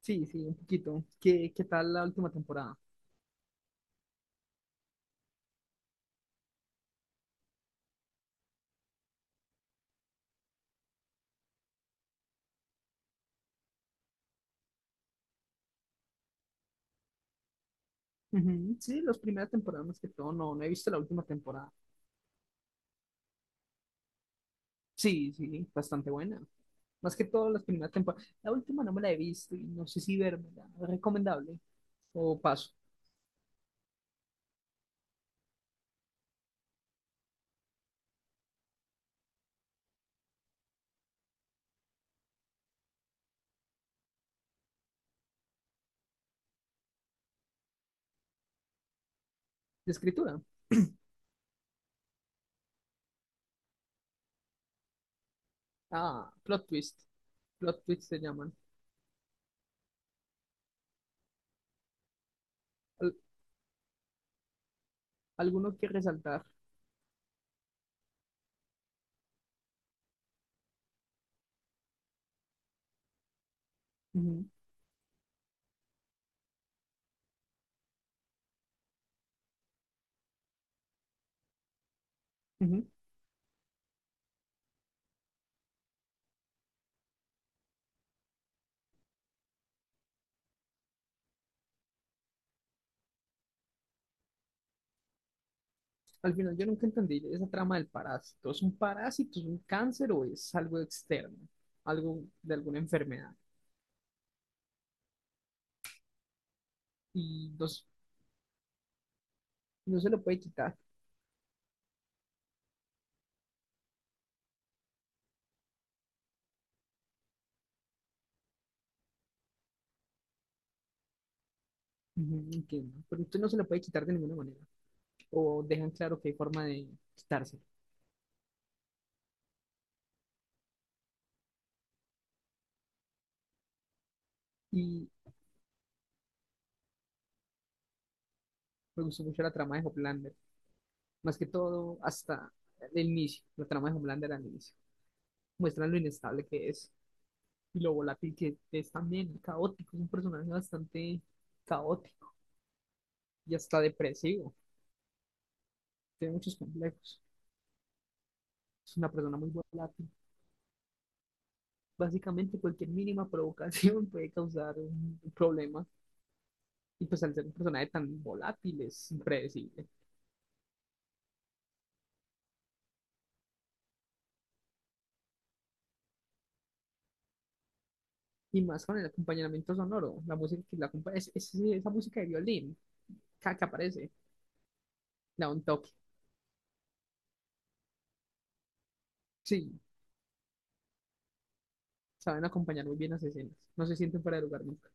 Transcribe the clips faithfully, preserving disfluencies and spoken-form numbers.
Sí, sí, un poquito. ¿Qué, qué tal la última temporada? Ujú, sí, las primeras temporadas más que todo, no, no he visto la última temporada. Sí, sí, bastante buena. Más que todo las primeras temporadas. La última no me la he visto y no sé si vérmela. ¿Es ¿Recomendable? ¿O paso? ¿De escritura? Ah, plot twist. Plot twist se llaman. Al- Alguno que resaltar. Ujú, ujú. Al final yo nunca entendí esa trama del parásito. ¿Es un parásito, es un cáncer o es algo externo? Algo de alguna enfermedad. Y dos. No se lo puede quitar. Ujú, entiendo. Pero usted no se lo puede quitar de ninguna manera. O dejan claro que hay forma de quitárselo. Y me gustó mucho la trama de Hoplander. Más que todo hasta el inicio. La trama de Hoplander al inicio. Muestran lo inestable que es. Y lo volátil que es también. Caótico. Es un personaje bastante caótico. Y hasta depresivo. Tiene muchos complejos. Es una persona muy volátil. Básicamente cualquier mínima provocación puede causar un problema. Y pues al ser un personaje tan volátil es impredecible. Y más con el acompañamiento sonoro, la música que la acompa- es, es- es esa música de violín cada que aparece, le da un toque. Sí, saben acompañar muy bien las escenas. No se sienten fuera de lugar nunca.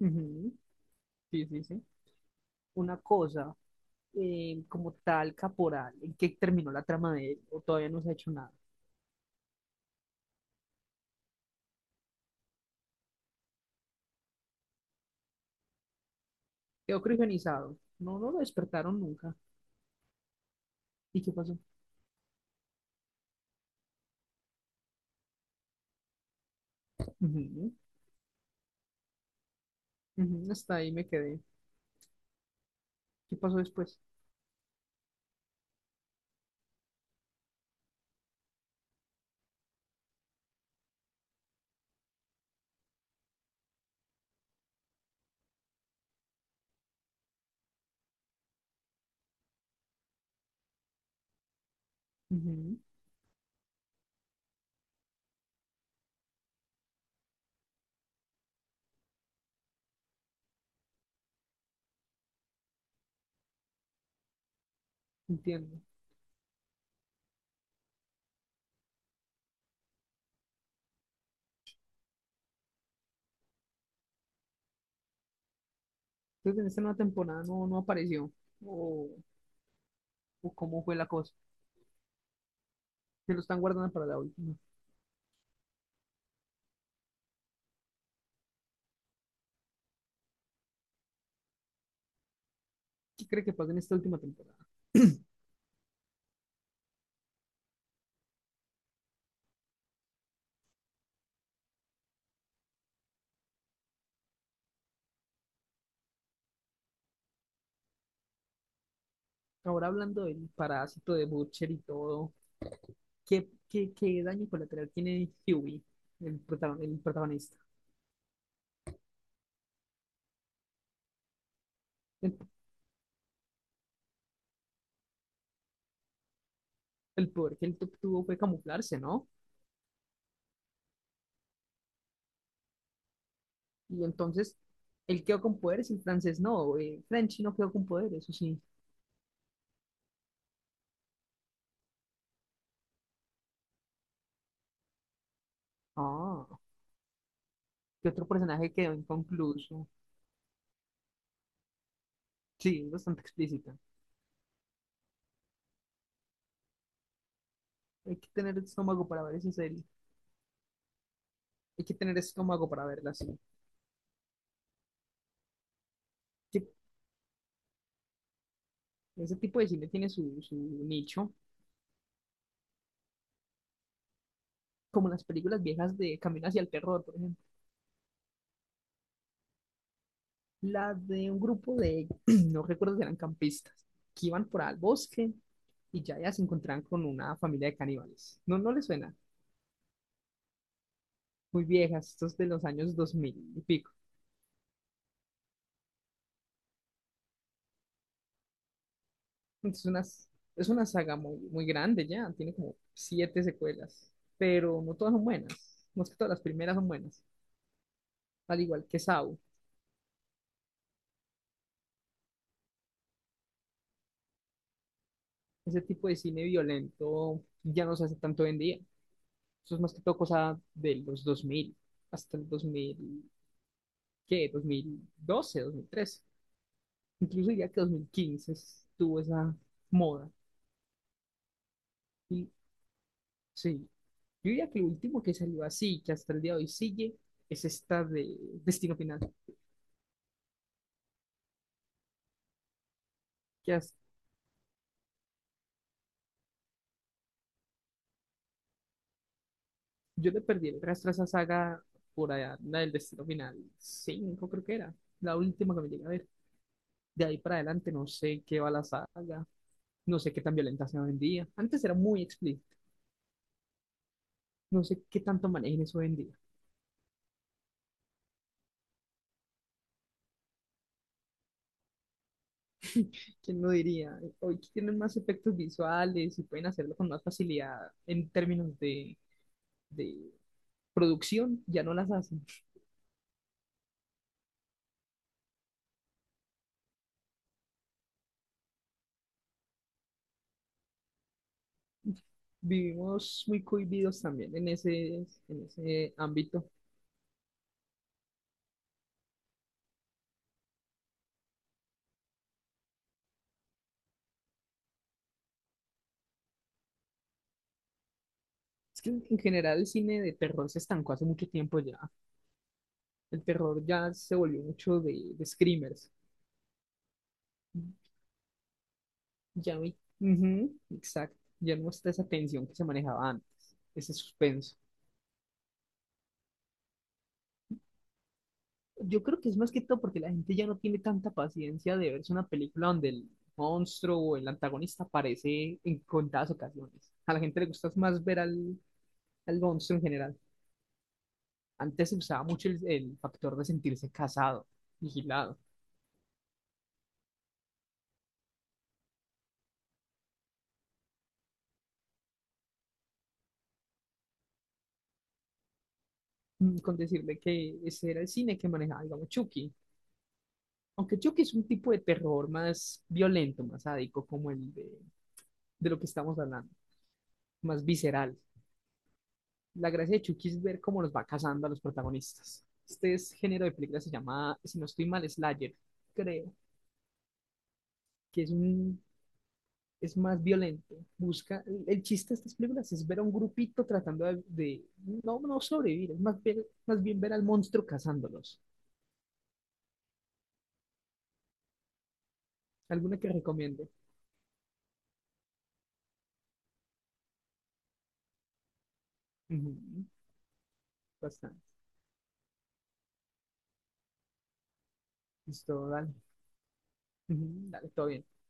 Ujú, sí, sí, sí. Una cosa, eh, como tal, Caporal, ¿en qué terminó la trama de él? ¿O todavía no se ha hecho nada? Quedó criogenizado. No, no lo despertaron nunca. ¿Y qué pasó? Ujú, ujú. Hasta ahí me quedé. ¿Qué pasó después? Ujú, entiendo. Entonces en esta nueva temporada no, no apareció. O, o cómo fue la cosa. Se lo están guardando para la última. ¿Qué cree que pasa en esta última temporada? Ahora hablando del parásito de Butcher y todo, ¿qué, qué, qué daño colateral tiene Huey, el, protagon- el protagonista? El, el poder que él tu- tuvo fue camuflarse, ¿no? Y entonces él quedó con poderes y el francés no. Eh, Frenchy no quedó con poderes, eso sí. Ah, ¿qué otro personaje quedó inconcluso? Sí, es bastante explícita. Hay que tener estómago para ver esa serie. Hay que tener estómago para verla así. Que Ese tipo de cine tiene su, su nicho, como las películas viejas de Camino hacia el Terror, por ejemplo. La de un grupo de, no recuerdo si eran campistas, que iban por al bosque y ya, ya se encontraban con una familia de caníbales. No, no les suena. Muy viejas, estos de los años dos mil y pico. Entonces, unas, es una saga muy, muy grande ya, tiene como siete secuelas, pero no todas son buenas. No es que todas las primeras son buenas, al igual que Saw. Ese tipo de cine violento ya no se hace tanto hoy en día. Eso es más que todo cosa de los dos mil hasta el dos mil, ¿qué? dos mil doce, dos mil trece. Incluso diría que dos mil quince estuvo esa moda. Y sí, yo diría que lo último que salió así, que hasta el día de hoy sigue, es esta de Destino Final. Que hasta- yo le perdí el rastro a esa saga por allá, la del Destino Final cinco, creo que era. La última que me llegué a ver. De ahí para adelante no sé qué va la saga. No sé qué tan violenta sea hoy en día. Antes era muy explícita. No sé qué tanto manejen eso hoy en día. ¿Quién lo diría? Hoy tienen más efectos visuales y pueden hacerlo con más facilidad en términos de, de producción, ya no las hacen. Vivimos muy cohibidos también en ese, en ese ámbito. Es que en general el cine de terror se estancó hace mucho tiempo ya. El terror ya se volvió mucho de, de screamers. Ya no hay- Ujú, exacto. Ya no está esa tensión que se manejaba antes, ese suspenso. Yo creo que es más que todo porque la gente ya no tiene tanta paciencia de verse una película donde el monstruo o el antagonista aparece en contadas ocasiones. A la gente le gusta más ver al, al monstruo en general. Antes se usaba mucho el, el factor de sentirse casado, vigilado, mm, con decirle que ese era el cine que manejaba, digamos, Chucky. Aunque Chucky es un tipo de terror más violento, más sádico, como el de, de lo que estamos hablando, más visceral. La gracia de Chucky es ver cómo los va cazando a los protagonistas. Este es- género de película se llama, si no estoy mal, Slayer, creo, que es un, es más violento. Busca, el, el chiste de estas películas es ver a un grupito tratando de, de- no, no sobrevivir, es más, ver- más bien ver al monstruo cazándolos. ¿Alguna que recomiende? Ujú, bastante. Listo, dale. Ujú, dale, todo bien.